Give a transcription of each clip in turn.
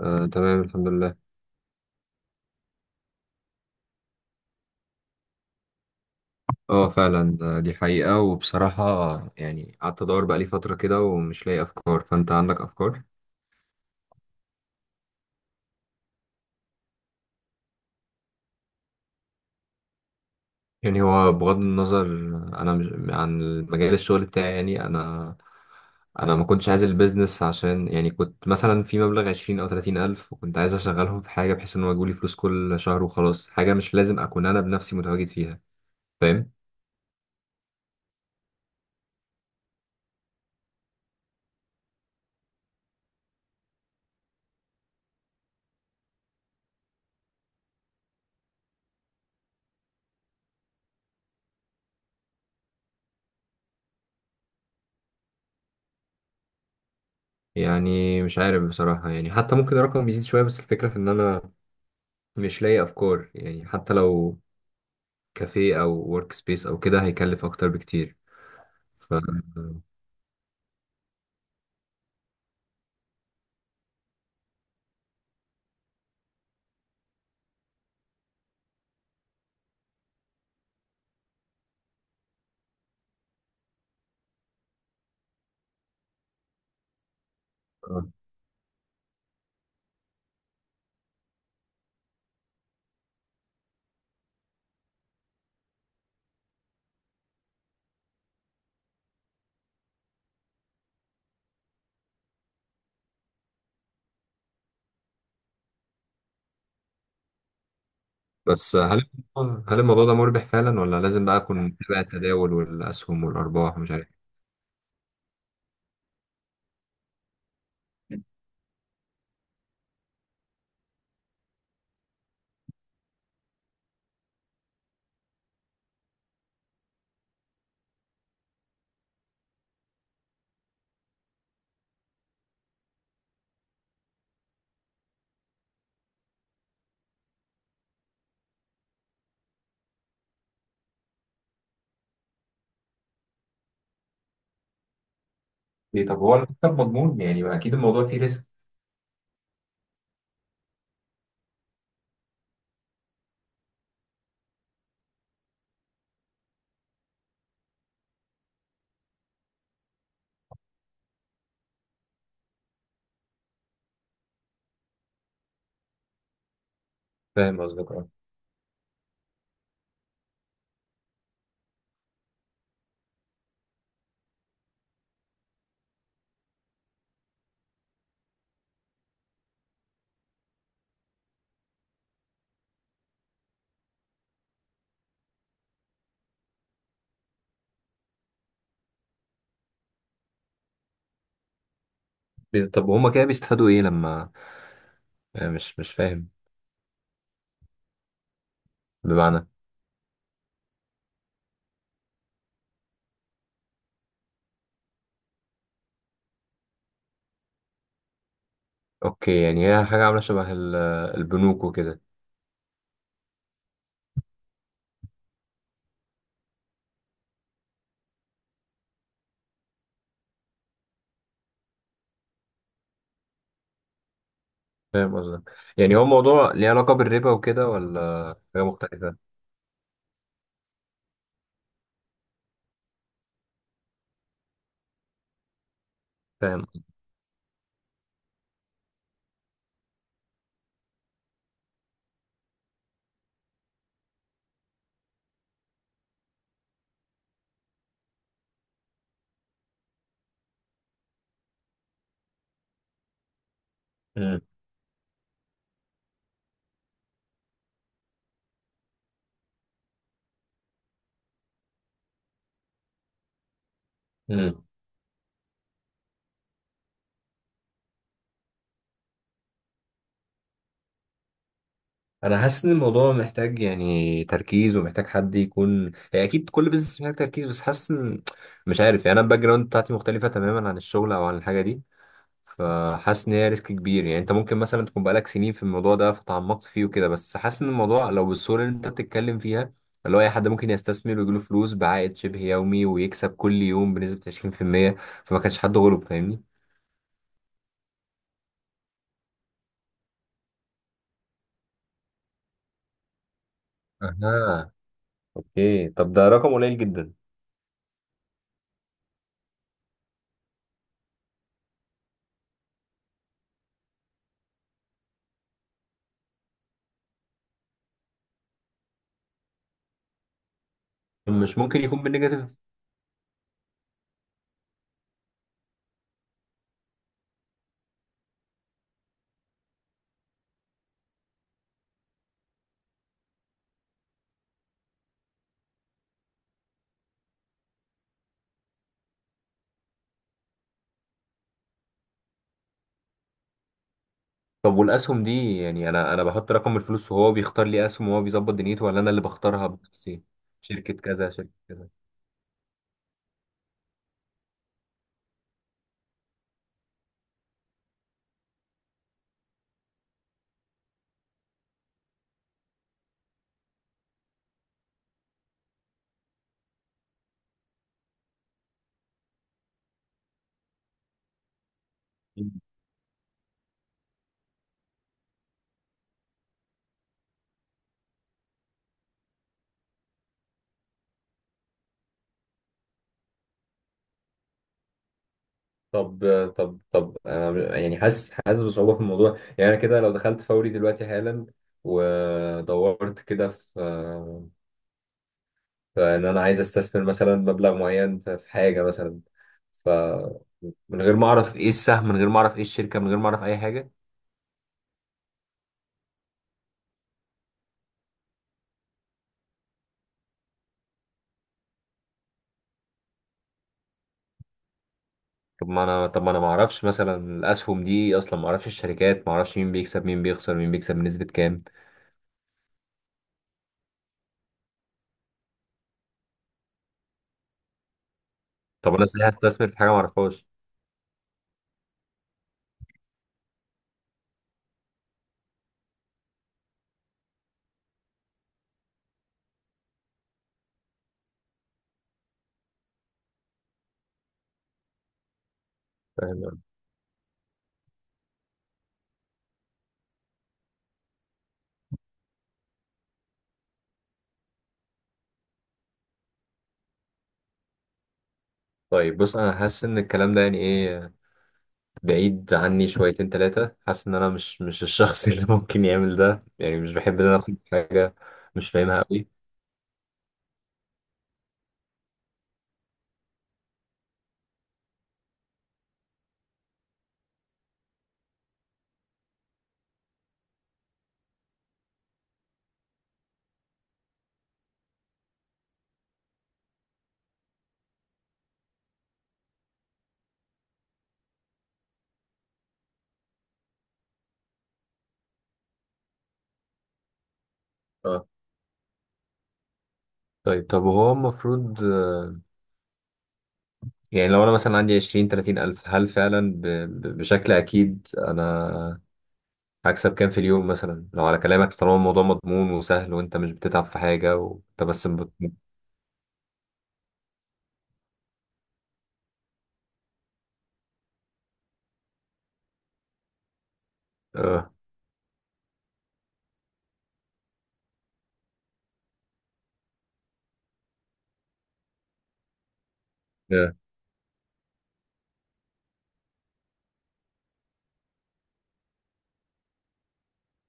آه، تمام، الحمد لله. اه، فعلا، دي حقيقة. وبصراحة، يعني قعدت ادور بقالي فترة كده، ومش لاقي افكار. فانت عندك افكار؟ يعني هو بغض النظر، انا مش عن مجال الشغل بتاعي. يعني انا، ما كنتش عايز البيزنس، عشان يعني كنت مثلا في مبلغ عشرين او تلاتين الف، وكنت عايز اشغلهم في حاجة، بحيث ان هو يجيلي فلوس كل شهر، وخلاص، حاجة مش لازم اكون انا بنفسي متواجد فيها. فاهم. يعني مش عارف بصراحة، يعني حتى ممكن الرقم يزيد شوية، بس الفكرة في ان انا مش لاقي افكار، يعني حتى لو كافيه او ورك سبيس او كده هيكلف اكتر بكتير. ف آه. بس هل الموضوع ده مربح فعلا، ولا لازم بقى اكون متابع التداول والاسهم والارباح ومش عارف؟ إيه، طب هو المكسب مضمون؟ يعني، ما اكيد الموضوع فيه ريسك. فاهم قصدك، اه. طب هما كده بيستفادوا ايه لما، مش فاهم؟ بمعنى؟ اوكي، يعني هي حاجة عاملة شبه البنوك وكده. فاهم قصدك. يعني هو موضوع ليه علاقة بالربا وكده، ولا حاجة مختلفة؟ فاهم. مم. انا حاسس ان الموضوع محتاج، يعني، تركيز، ومحتاج حد يكون، يعني، اكيد كل بزنس محتاج تركيز، بس حاسس ان، مش عارف، يعني انا الباك جراوند بتاعتي مختلفه تماما عن الشغل او عن الحاجه دي. فحاسس ان هي ريسك كبير. يعني انت ممكن مثلا تكون بقالك سنين في الموضوع ده، فتعمقت فيه وكده، بس حاسس ان الموضوع، لو بالصوره اللي انت بتتكلم فيها، اللي هو اي حد ممكن يستثمر ويجيله فلوس بعائد شبه يومي، ويكسب كل يوم بنسبه 20%، فما كانش حد غلب، فاهمني؟ اها. اوكي، طب ده رقم قليل جدا. مش ممكن يكون بالنيجاتيف؟ طب والاسهم دي، يعني انا، بحط رقم الفلوس وهو بيختار لي اسهم وهو بيظبط دنيته، ولا انا اللي بختارها بنفسي؟ شركة كذا، شركة كذا. طب طب انا يعني حاسس بصعوبة في الموضوع. يعني انا كده لو دخلت فوري دلوقتي حالا، ودورت كده في ان انا عايز استثمر مثلا مبلغ معين في حاجة مثلا، فمن من غير ما اعرف ايه السهم، من غير ما اعرف ايه الشركة، من غير ما اعرف اي حاجة. طب ما انا ما اعرفش مثلا الاسهم دي اصلا، ما اعرفش الشركات، ما اعرفش مين بيكسب مين بيخسر مين بيكسب بنسبة كام. طب انا ازاي هستثمر في حاجة ما اعرفهاش؟ فاهم. طيب، بص، انا حاسس ان الكلام ده، يعني ايه، بعيد عني شويتين ثلاثة. حاسس ان انا مش الشخص اللي ممكن يعمل ده. يعني مش بحب ان انا اخد حاجة مش فاهمها قوي. اه. طيب طب هو المفروض، يعني لو انا مثلا عندي 20 30 الف، هل فعلا بشكل اكيد انا هكسب كام في اليوم؟ مثلا لو على كلامك، طالما الموضوع مضمون وسهل وانت مش بتتعب في حاجة، وانت بس اه. اه.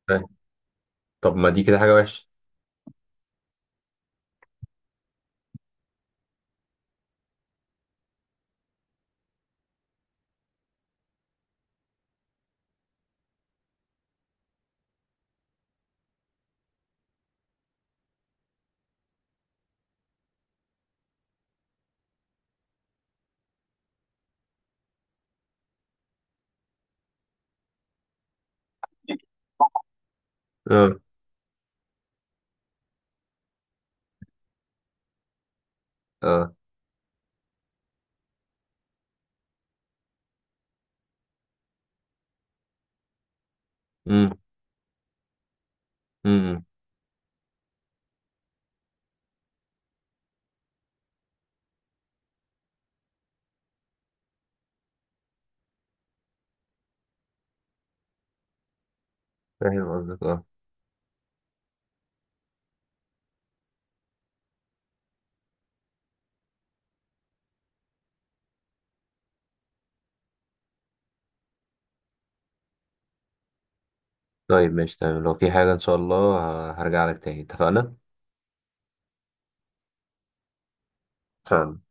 فاهم. طب ما دي كده حاجة وحشة؟ اه. اه. امم. امم. فاهم قصدك، اه. طيب، ماشي، تمام. لو في حاجة ان شاء الله، هرجع لك تاني. اتفقنا؟ اتفقنا.